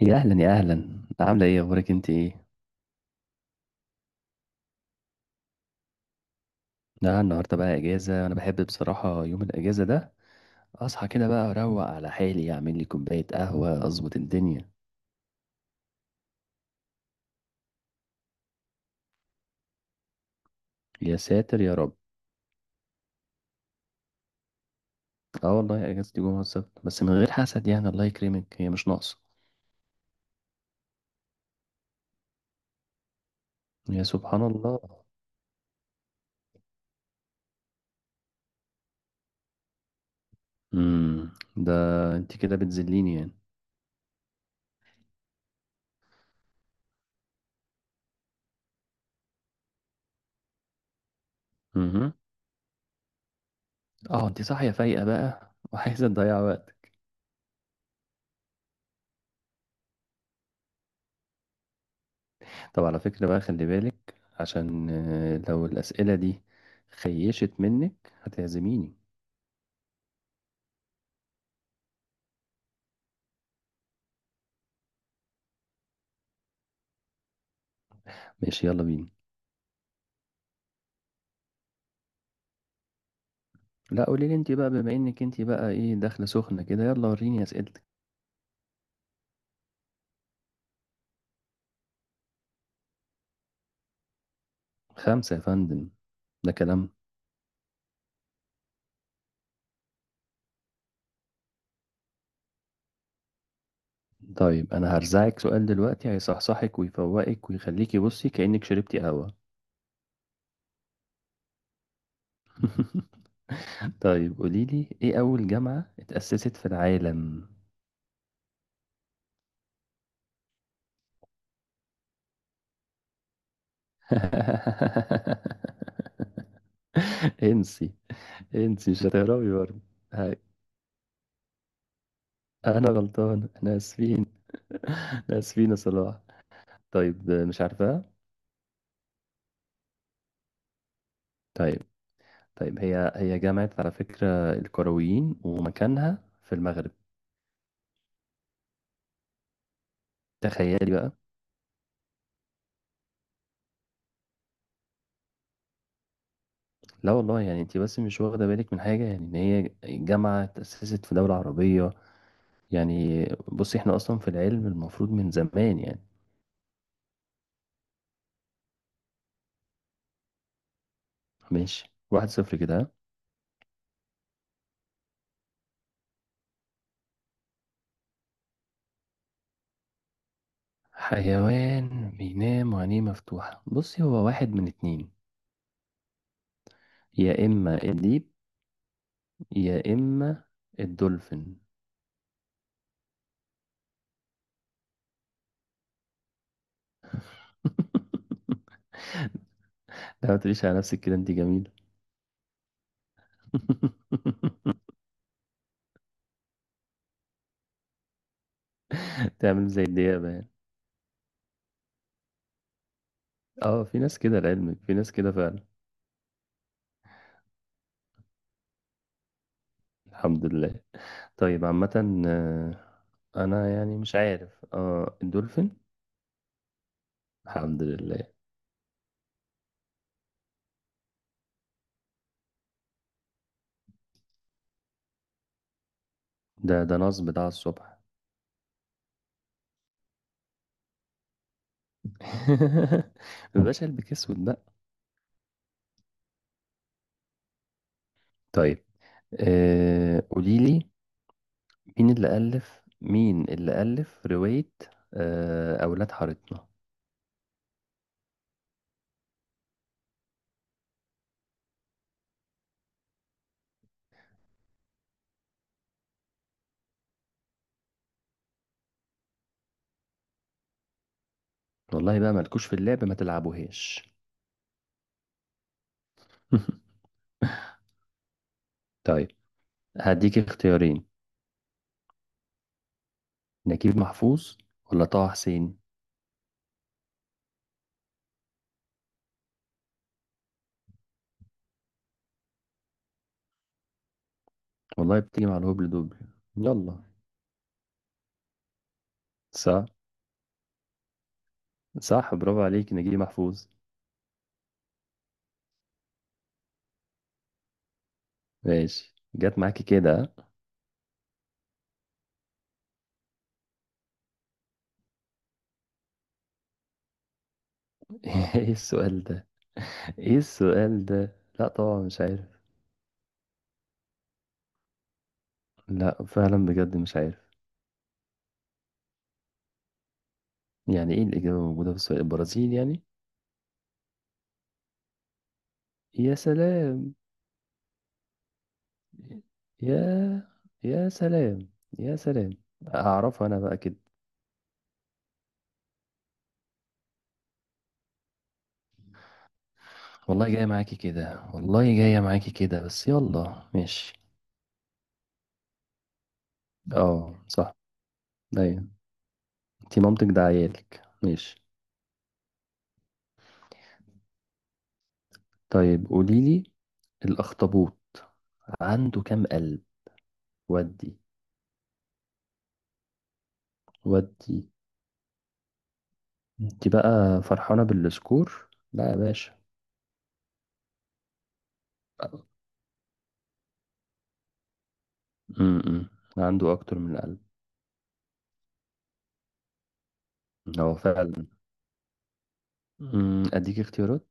يا اهلا يا اهلا، عامله ايه؟ اخبارك انت ايه؟ لا النهارده بقى اجازه. انا بحب بصراحه يوم الاجازه ده. اصحى كده بقى، اروق على حالي، اعمل لي كوبايه قهوه، اظبط الدنيا. يا ساتر يا رب. اه والله اجازتي جمعه السبت، بس من غير حسد يعني، الله يكرمك، هي مش ناقصه. يا سبحان الله. امم ده، انت كده بتذليني يعني. امم اه انت صاحيه فايقه بقى وعايزه تضيع وقت. طب على فكره بقى، خلي بالك عشان لو الاسئله دي خيشت منك هتعزميني. ماشي يلا بينا. لا قولي لي انت بقى، بما انك انت بقى ايه، داخله سخنه كده، يلا وريني اسئلتك. خمسه يا فندم. ده كلام. طيب انا هرزعك سؤال دلوقتي هيصحصحك ويفوقك ويخليكي بصي كأنك شربتي قهوه. طيب قولي لي، ايه اول جامعه اتأسست في العالم؟ انسي. انسي، مش هتهربي برضه. هاي. انا غلطان، احنا اسفين. احنا اسفين يا صلاح. طيب مش عارفاها. طيب. طيب هي جامعة، على فكرة، الكرويين ومكانها في المغرب. تخيلي بقى. لا والله يعني انت بس مش واخدة بالك من حاجة، يعني ان هي جامعة تأسست في دولة عربية يعني. بصي احنا اصلا في العلم المفروض من زمان يعني. ماشي، 1-0 كده، ها؟ حيوان بينام وعينيه مفتوحة؟ بصي هو واحد من اتنين. يا اما الديب، يا اما الدولفين. لا ما تقوليش على نفسك كده، انت جميلة. تعمل زي الديابة يعني. اه في ناس كده، لعلمك في ناس كده فعلا. الحمد لله. طيب، عامة، آه، انا يعني مش عارف. اه الدولفين. الحمد لله. ده نصب بتاع الصبح. مبقاش قلبك اسود بقى. طيب، قولي لي، مين اللي ألف رواية؟ أولاد حارتنا. والله بقى مالكوش في اللعب، ما تلعبوهاش. طيب هديك اختيارين، نجيب محفوظ ولا طه حسين. والله بتيجي مع الهبل دوبل. يلا. صح، صح، برافو عليك، نجيب محفوظ. ماشي، جت معاكي كده. ها؟ ايه السؤال ده؟ ايه السؤال ده؟ لا طبعا مش عارف. لا فعلا بجد مش عارف. يعني ايه الإجابة موجودة في السؤال؟ البرازيل يعني؟ يا سلام. يا يا سلام. يا سلام. هعرفها انا بقى كده. والله جاية معاكي كده، والله جاية معاكي كده، بس يلا ماشي. اه صح. ايوه. انتي مامتك، ده عيالك، ماشي. طيب قوليلي، الأخطبوط عنده كام قلب؟ ودي، ودي انت بقى فرحانة بالسكور؟ لا يا باشا. امم عنده اكتر من القلب. هو فعلا. اديك اختيارات.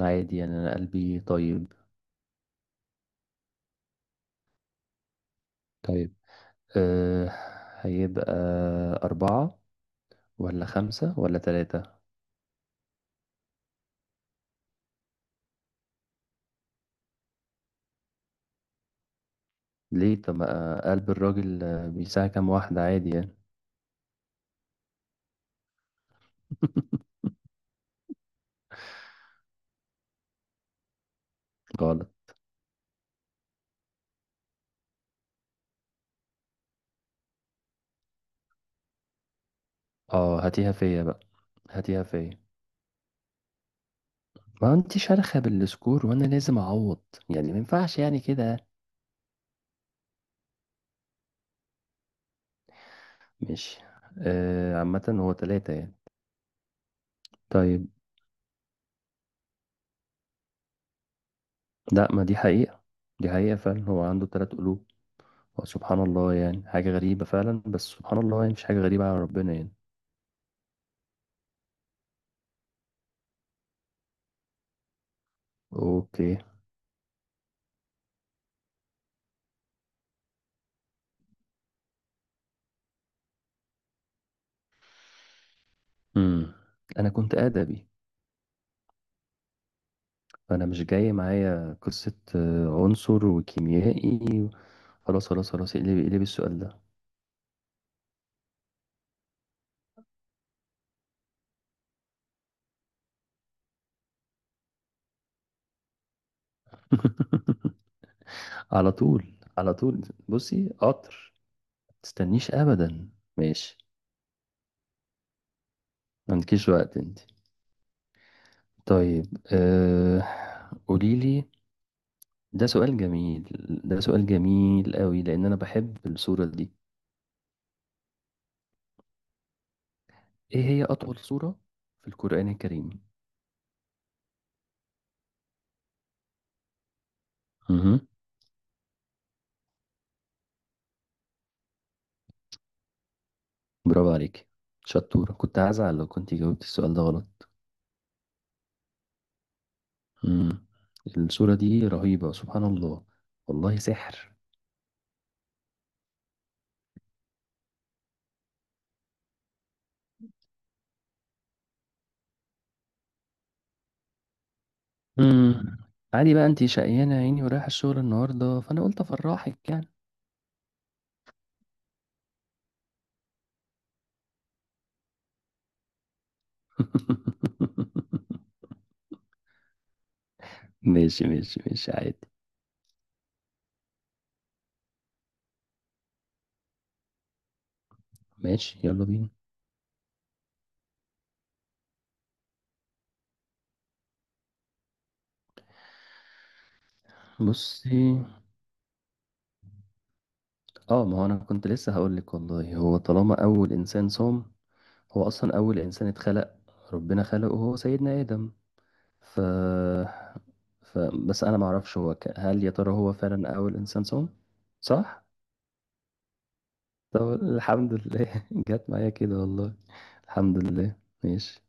عادي يعني، انا قلبي طيب. طيب. أه هيبقى أربعة ولا خمسة ولا تلاتة؟ ليه؟ طب ما قلب الراجل بيساع كام واحدة عادي يعني. غلط. اه هاتيها فيا بقى. هاتيها فيا. ما انت شارخة بالسكور، وانا لازم اعوض يعني، ما ينفعش يعني كده. ماشي. عامة هو تلاتة يعني. طيب. لا، ما دي حقيقة. دي حقيقة فعلا، هو عنده تلات قلوب. هو سبحان الله، يعني حاجة غريبة فعلا، بس سبحان الله يعني مش حاجة غريبة على ربنا يعني. اوكي. امم انا كنت ادبي، فانا مش جاي معايا قصة عنصر وكيميائي. خلاص خلاص خلاص، اقلبي اقلبي السؤال ده. على طول. على طول، بصي قطر. متستنيش ابدا. ماشي. ما عندكيش وقت انت؟ طيب، أه... قوليلي. ده سؤال جميل. ده سؤال جميل قوي، لأن أنا بحب السورة دي. إيه هي أطول سورة في القرآن الكريم؟ مهم. برافو عليك، شطورة. كنت هزعل لو كنت جاوبت السؤال ده غلط. مم. السورة دي رهيبة سبحان الله. والله سحر. مم. عادي بقى، أنت شقيانة يا عيني ورايحة الشغل النهاردة، فأنا قلت أفرحك يعني. ماشي ماشي ماشي، عادي. ماشي يلا بينا. بصي، اه ما هو انا كنت لسه هقول لك والله، هو طالما اول انسان صام، هو اصلا اول انسان اتخلق، ربنا خلقه، هو سيدنا ادم. ف, بس انا ما اعرفش، هو هل يا ترى هو فعلا اول انسان صام؟ صح. طب الحمد لله جت معايا كده والله. الحمد لله. ماشي.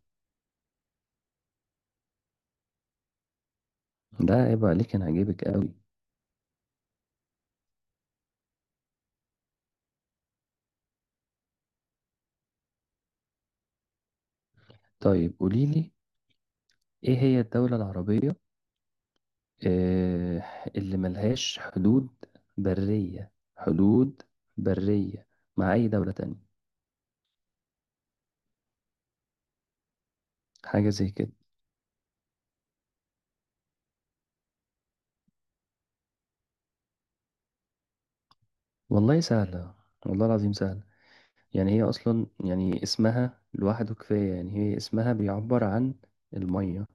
ده عيب عليك، انا هجيبك قوي. طيب قولي لي، ايه هي الدولة العربية آه، اللي ملهاش حدود برية، حدود برية مع أي دولة تانية؟ حاجة زي كده. والله سهلة. والله العظيم سهلة. يعني هي أصلا، يعني اسمها لوحده كفاية، يعني هي اسمها بيعبر عن المية.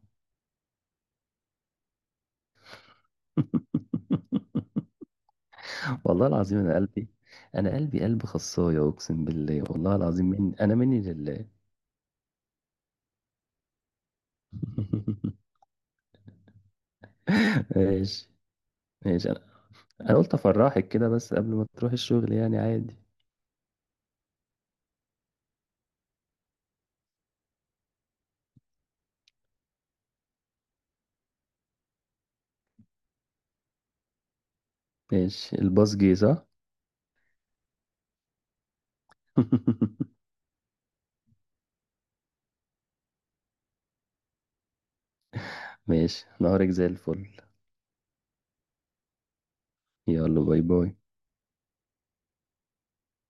والله العظيم، أنا قلبي قلب خصاية، أقسم بالله، والله العظيم، من أنا مني لله. ماشي. ماشي، أنا قلت أفرحك كده، بس قبل ما تروح الشغل يعني عادي. ماشي الباص جه صح؟ ماشي، نهارك زي الفل. يلا باي باي.